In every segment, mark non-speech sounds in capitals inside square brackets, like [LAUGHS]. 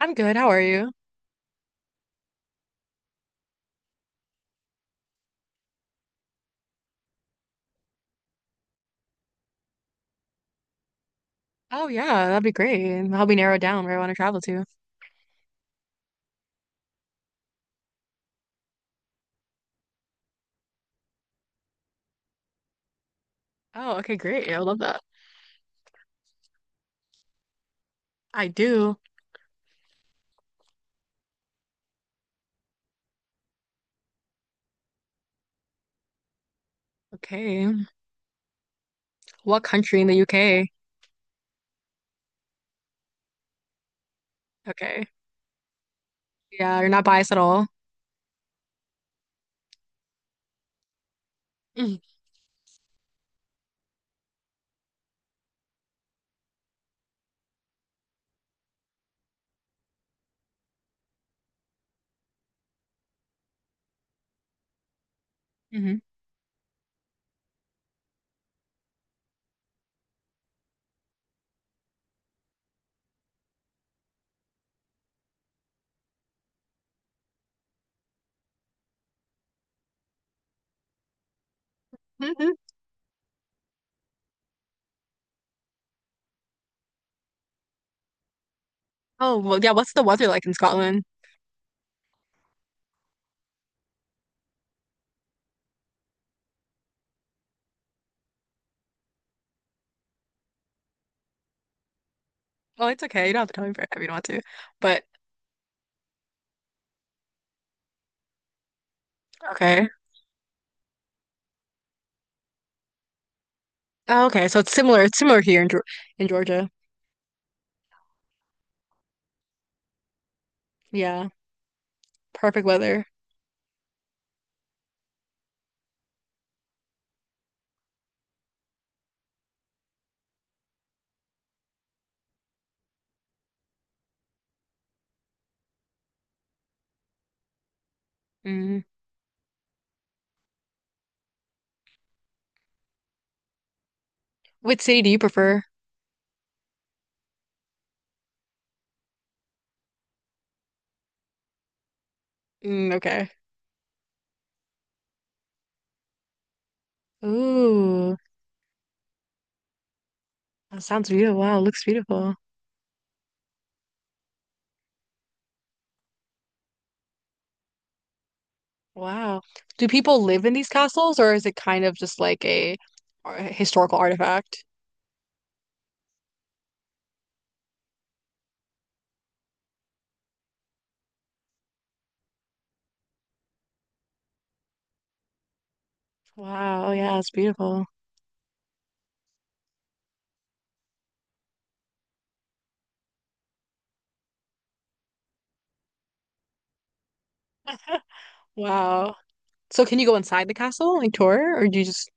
I'm good. How are you? Oh yeah, that'd be great. And Help me narrow down where I want to travel to. Oh, okay, great. I would love that. I do. Okay. What country in the UK? Okay. Yeah, you're not biased at all. Mm-hmm. hmm Oh, well, yeah, what's the weather like in Scotland? Oh, it's okay. You don't have to tell me for if you don't want to. But okay. Oh, okay. So it's similar. It's similar here in Geor in Georgia. Yeah. Perfect weather. Mm. Which city do you prefer? Mm, okay. Ooh, that sounds beautiful. Wow, looks beautiful. Wow. Do people live in these castles or is it kind of just like a historical artifact? Wow. Yeah, it's beautiful. Wow. So can you go inside the castle, like tour, or do you just,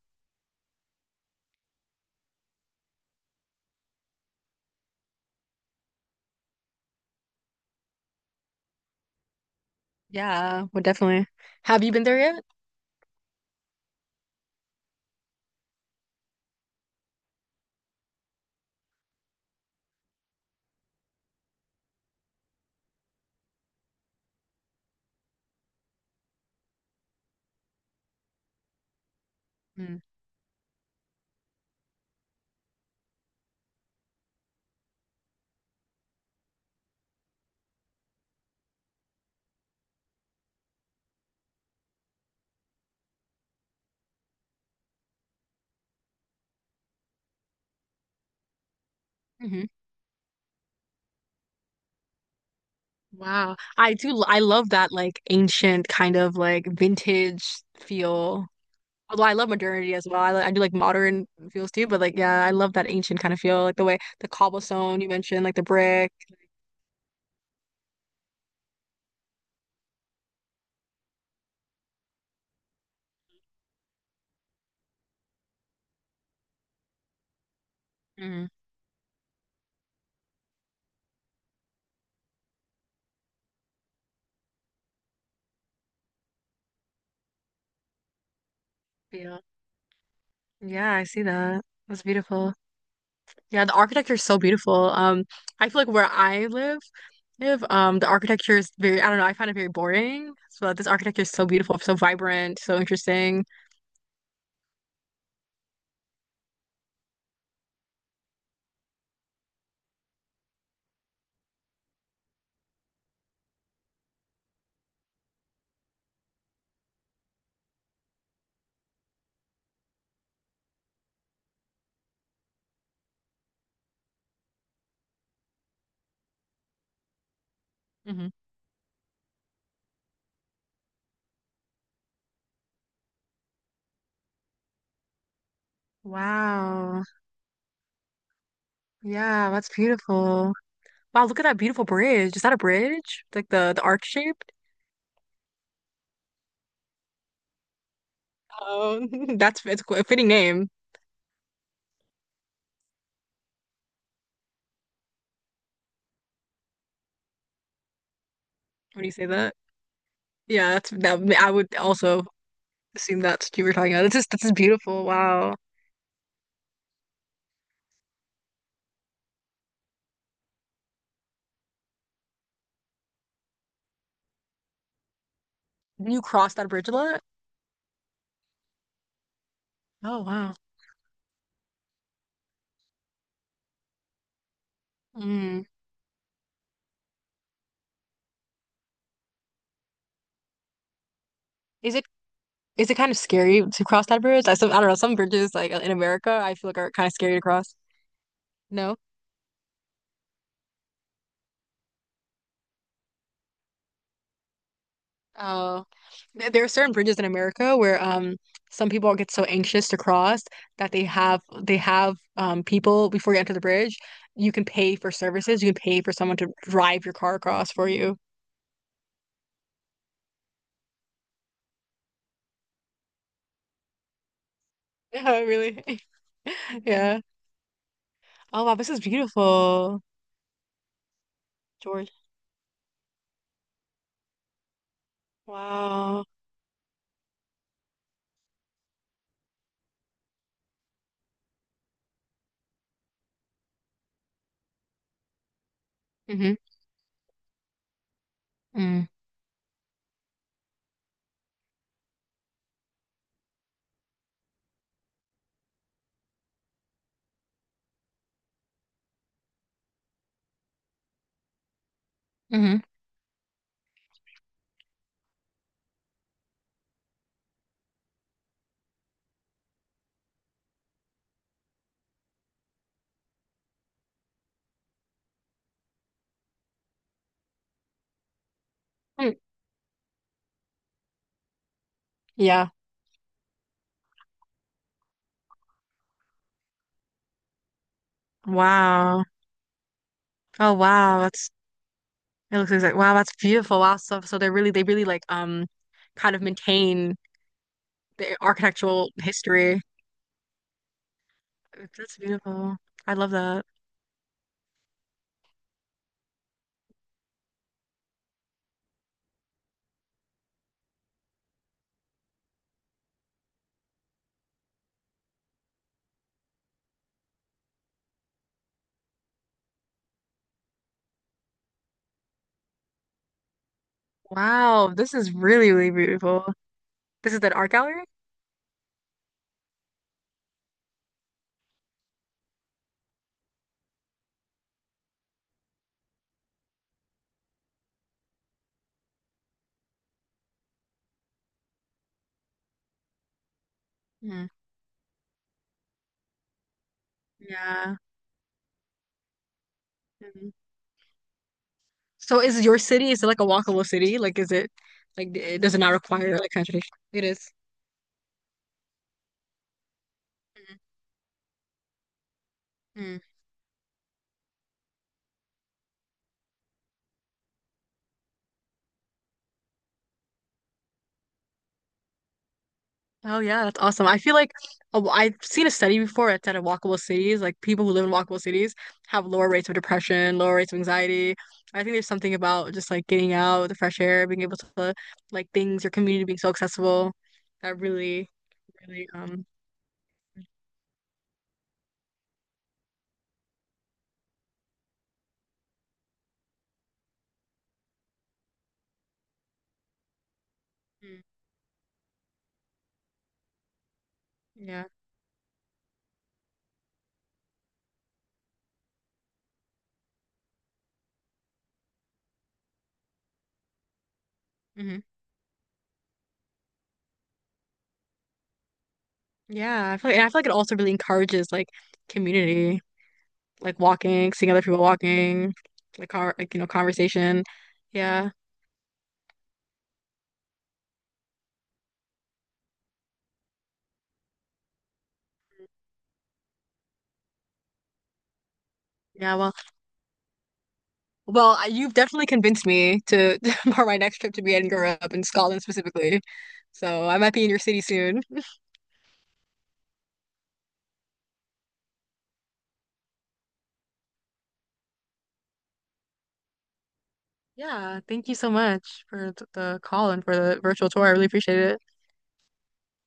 yeah, well, definitely. Have you been there yet? Mm-hmm. Wow. I love that like ancient kind of like vintage feel. Although I love modernity as well. I do like modern feels too, but like, yeah, I love that ancient kind of feel, like the way the cobblestone you mentioned, like the brick. Mhm. Yeah, I see that. That's beautiful. Yeah, the architecture is so beautiful. I feel like live, the architecture is very, I don't know, I find it very boring. So this architecture is so beautiful, so vibrant, so interesting. hmm Wow. Yeah, that's beautiful. Wow, look at that beautiful bridge. Is that a bridge? Like the arc shaped? Oh, [LAUGHS] that's it's a fitting name when you say that. Yeah, that's that. I would also assume that's what you were talking about. This is beautiful. Wow. You cross that bridge a lot? Oh, wow. Mm. Is it is it kind of scary to cross that bridge? I don't know, some bridges like in America I feel like are kind of scary to cross. No? Oh. There are certain bridges in America where some people get so anxious to cross that they have people before you enter the bridge, you can pay for services, you can pay for someone to drive your car across for you. Yeah, really. [LAUGHS] Yeah. Oh wow, this is beautiful, George. Wow. Mm-hmm. Mm. Mm-hmm. Mm. Yeah. Wow. Oh wow, that's it looks like wow, that's beautiful. Wow, so they really like kind of maintain the architectural history. That's beautiful. I love that. Wow, this is really really beautiful. This is that art gallery? Mm. Yeah. Mhm. So is your city is it like a walkable city? Like is it like it does it not require like kind of tradition? It is. Mhm. Oh yeah, that's awesome. I've seen a study before that said in walkable cities, like people who live in walkable cities have lower rates of depression, lower rates of anxiety. I think there's something about just like getting out, the fresh air, being able to like things, your community being so accessible. That really, really, mm, yeah, hmm yeah. I feel like, it also really encourages like community, like walking, seeing other people walking, like you know, conversation. Yeah, yeah. Well. Well, you've definitely convinced me to [LAUGHS] for my next trip to be Edinburgh up in Scotland specifically. So I might be in your city soon. Yeah, thank you so much for the call and for the virtual tour. I really appreciate it.